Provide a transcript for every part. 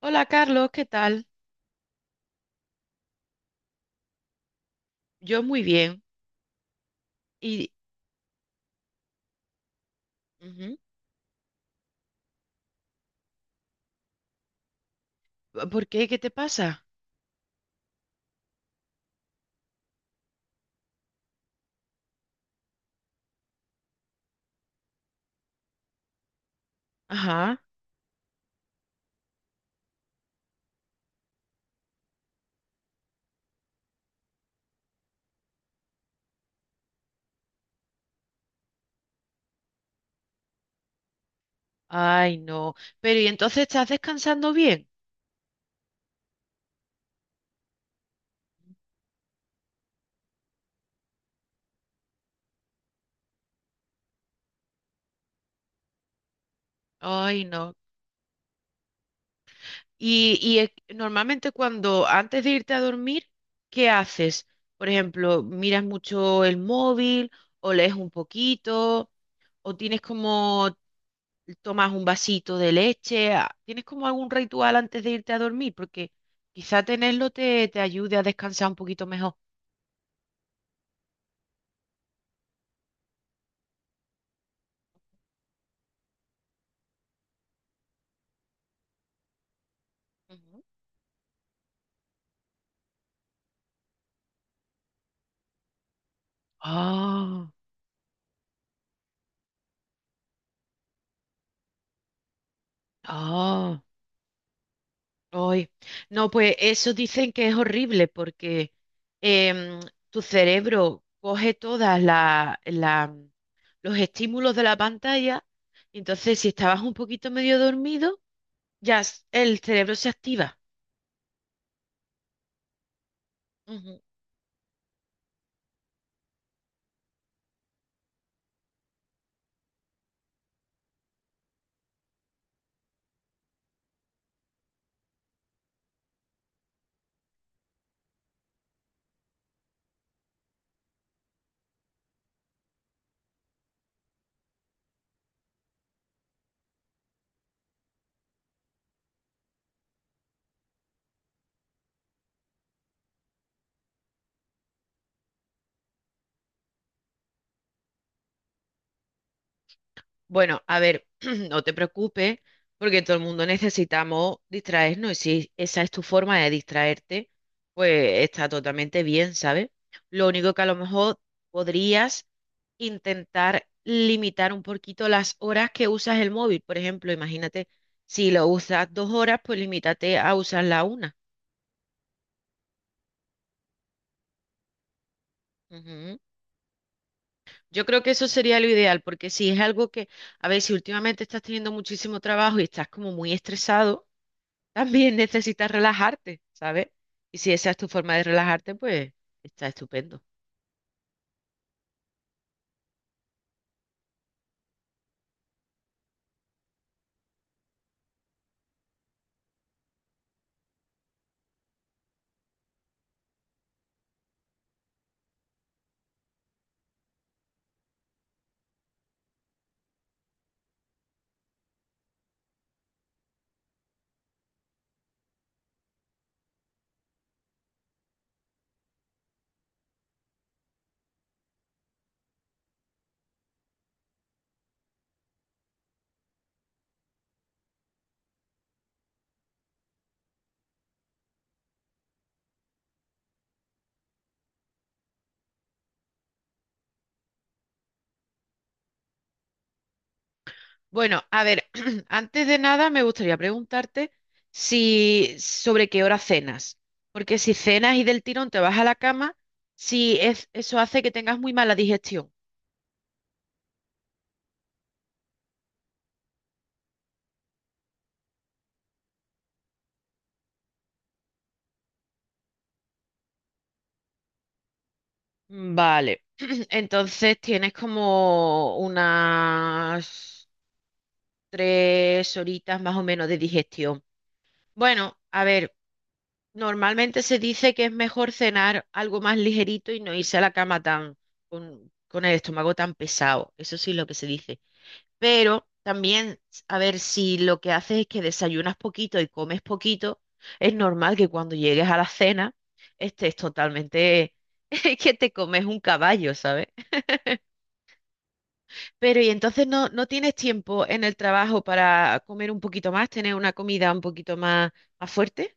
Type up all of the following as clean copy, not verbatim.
Hola Carlos, ¿qué tal? Yo muy bien. ¿Y ujú, por qué? ¿Qué te pasa? Ajá. Ay, no. Pero ¿y entonces estás descansando bien? Ay, no. Y, y es- Normalmente cuando antes de irte a dormir, ¿qué haces? Por ejemplo, ¿miras mucho el móvil o lees un poquito o tienes como tomas un vasito de leche? ¿Tienes como algún ritual antes de irte a dormir? Porque quizá tenerlo te ayude a descansar un poquito mejor. Ujú. Ah, ah, ay. No, pues eso dicen que es horrible porque em, tu cerebro coge todas los estímulos de la pantalla y entonces si estabas un poquito medio dormido, el cerebro se activa. Bueno, a ver, no te preocupes, porque todo el mundo necesitamos distraernos y si esa es tu forma de distraerte, pues está totalmente bien, ¿sabes? Lo único que a lo mejor podrías intentar limitar un poquito las horas que usas el móvil. Por ejemplo, imagínate, si lo usas dos horas, pues limítate a usar la una. Ujú. Yo creo que eso sería lo ideal, porque si es algo que, a ver, si últimamente estás teniendo muchísimo trabajo y estás como muy estresado, también necesitas relajarte, ¿sabes? Y si esa es tu forma de relajarte, pues está estupendo. Bueno, a ver, antes de nada me gustaría preguntarte si sobre qué hora cenas, porque si cenas y del tirón te vas a la cama, si es, eso hace que tengas muy mala digestión. Vale, entonces tienes como unas tres horitas más o menos de digestión. Bueno, a ver. Normalmente se dice que es mejor cenar algo más ligerito y no irse a la cama tan con el estómago tan pesado. Eso sí es lo que se dice. Pero también, a ver, si lo que haces es que desayunas poquito y comes poquito, es normal que cuando llegues a la cena estés totalmente, es que te comes un caballo, ¿sabes? Pero y entonces no, no tienes tiempo en el trabajo para comer un poquito más, tener una comida un poquito más, más fuerte.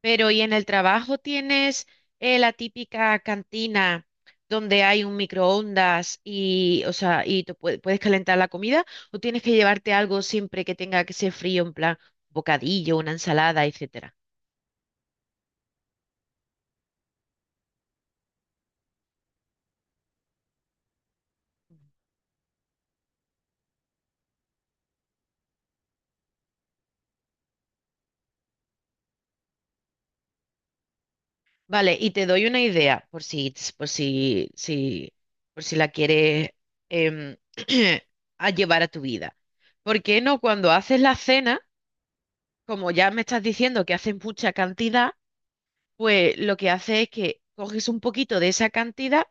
Pero ¿y en el trabajo tienes la típica cantina donde hay un microondas y, o sea, y tú puedes calentar la comida o tienes que llevarte algo siempre que tenga que ser frío, en plan un bocadillo, una ensalada, etcétera? Vale, y te doy una idea por si la quieres em, a llevar a tu vida. ¿Por qué no cuando haces la cena, como ya me estás diciendo que haces mucha cantidad? Pues lo que hace es que coges un poquito de esa cantidad,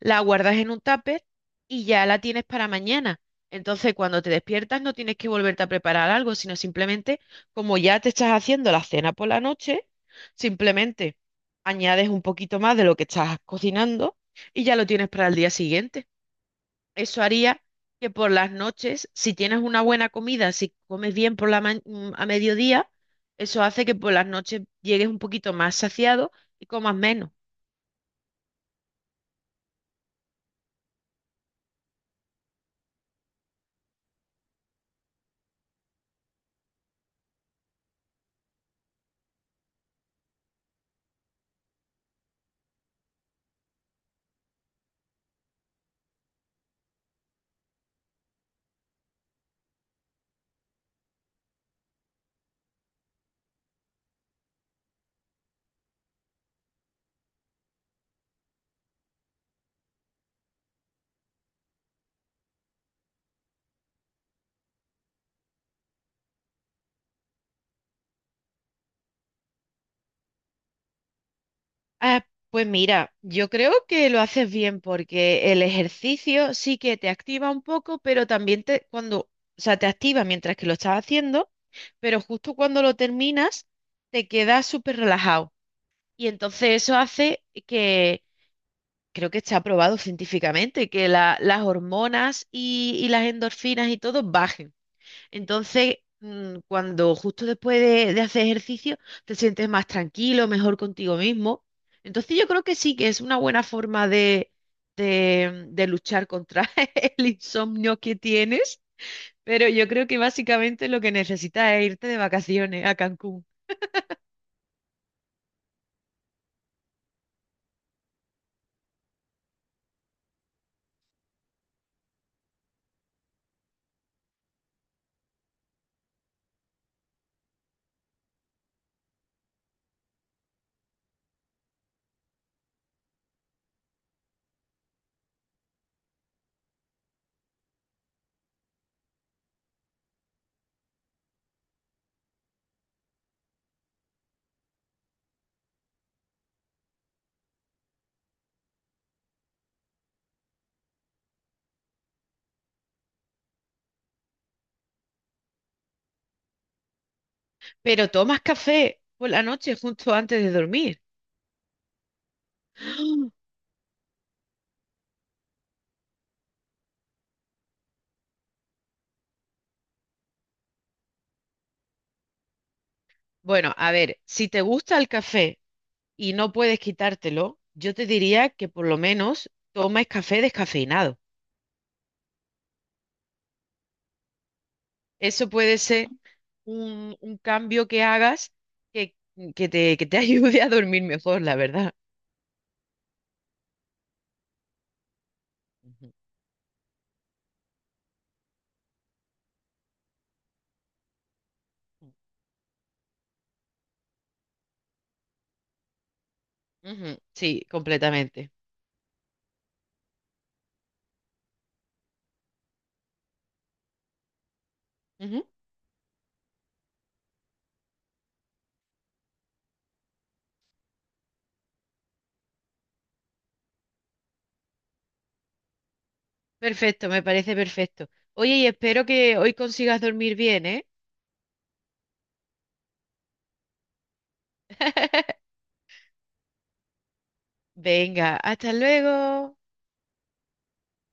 la guardas en un tupper y ya la tienes para mañana. Entonces, cuando te despiertas, no tienes que volverte a preparar algo, sino simplemente, como ya te estás haciendo la cena por la noche, simplemente añades un poquito más de lo que estás cocinando y ya lo tienes para el día siguiente. Eso haría que por las noches, si tienes una buena comida, si comes bien por a mediodía, eso hace que por las noches llegues un poquito más saciado y comas menos. Ah, pues mira, yo creo que lo haces bien porque el ejercicio sí que te activa un poco, pero también o sea, te activa mientras que lo estás haciendo, pero justo cuando lo terminas te quedas súper relajado. Y entonces eso hace que creo que está probado científicamente que las hormonas y las endorfinas y todo bajen. Entonces, mm, cuando justo después de hacer ejercicio te sientes más tranquilo, mejor contigo mismo. Entonces, yo creo que sí, que es una buena forma de luchar contra el insomnio que tienes. Pero yo creo que básicamente lo que necesitas es irte de vacaciones a Cancún. Pero tomas café por la noche justo antes de dormir. Bueno, a ver, si te gusta el café y no puedes quitártelo, yo te diría que por lo menos tomes café descafeinado. Eso puede ser un cambio que hagas que, que te ayude a dormir mejor, la verdad. Ujú, ujú, sí, completamente. Ujú, perfecto, me parece perfecto. Oye, y espero que hoy consigas dormir bien, ¿eh? Venga, hasta luego.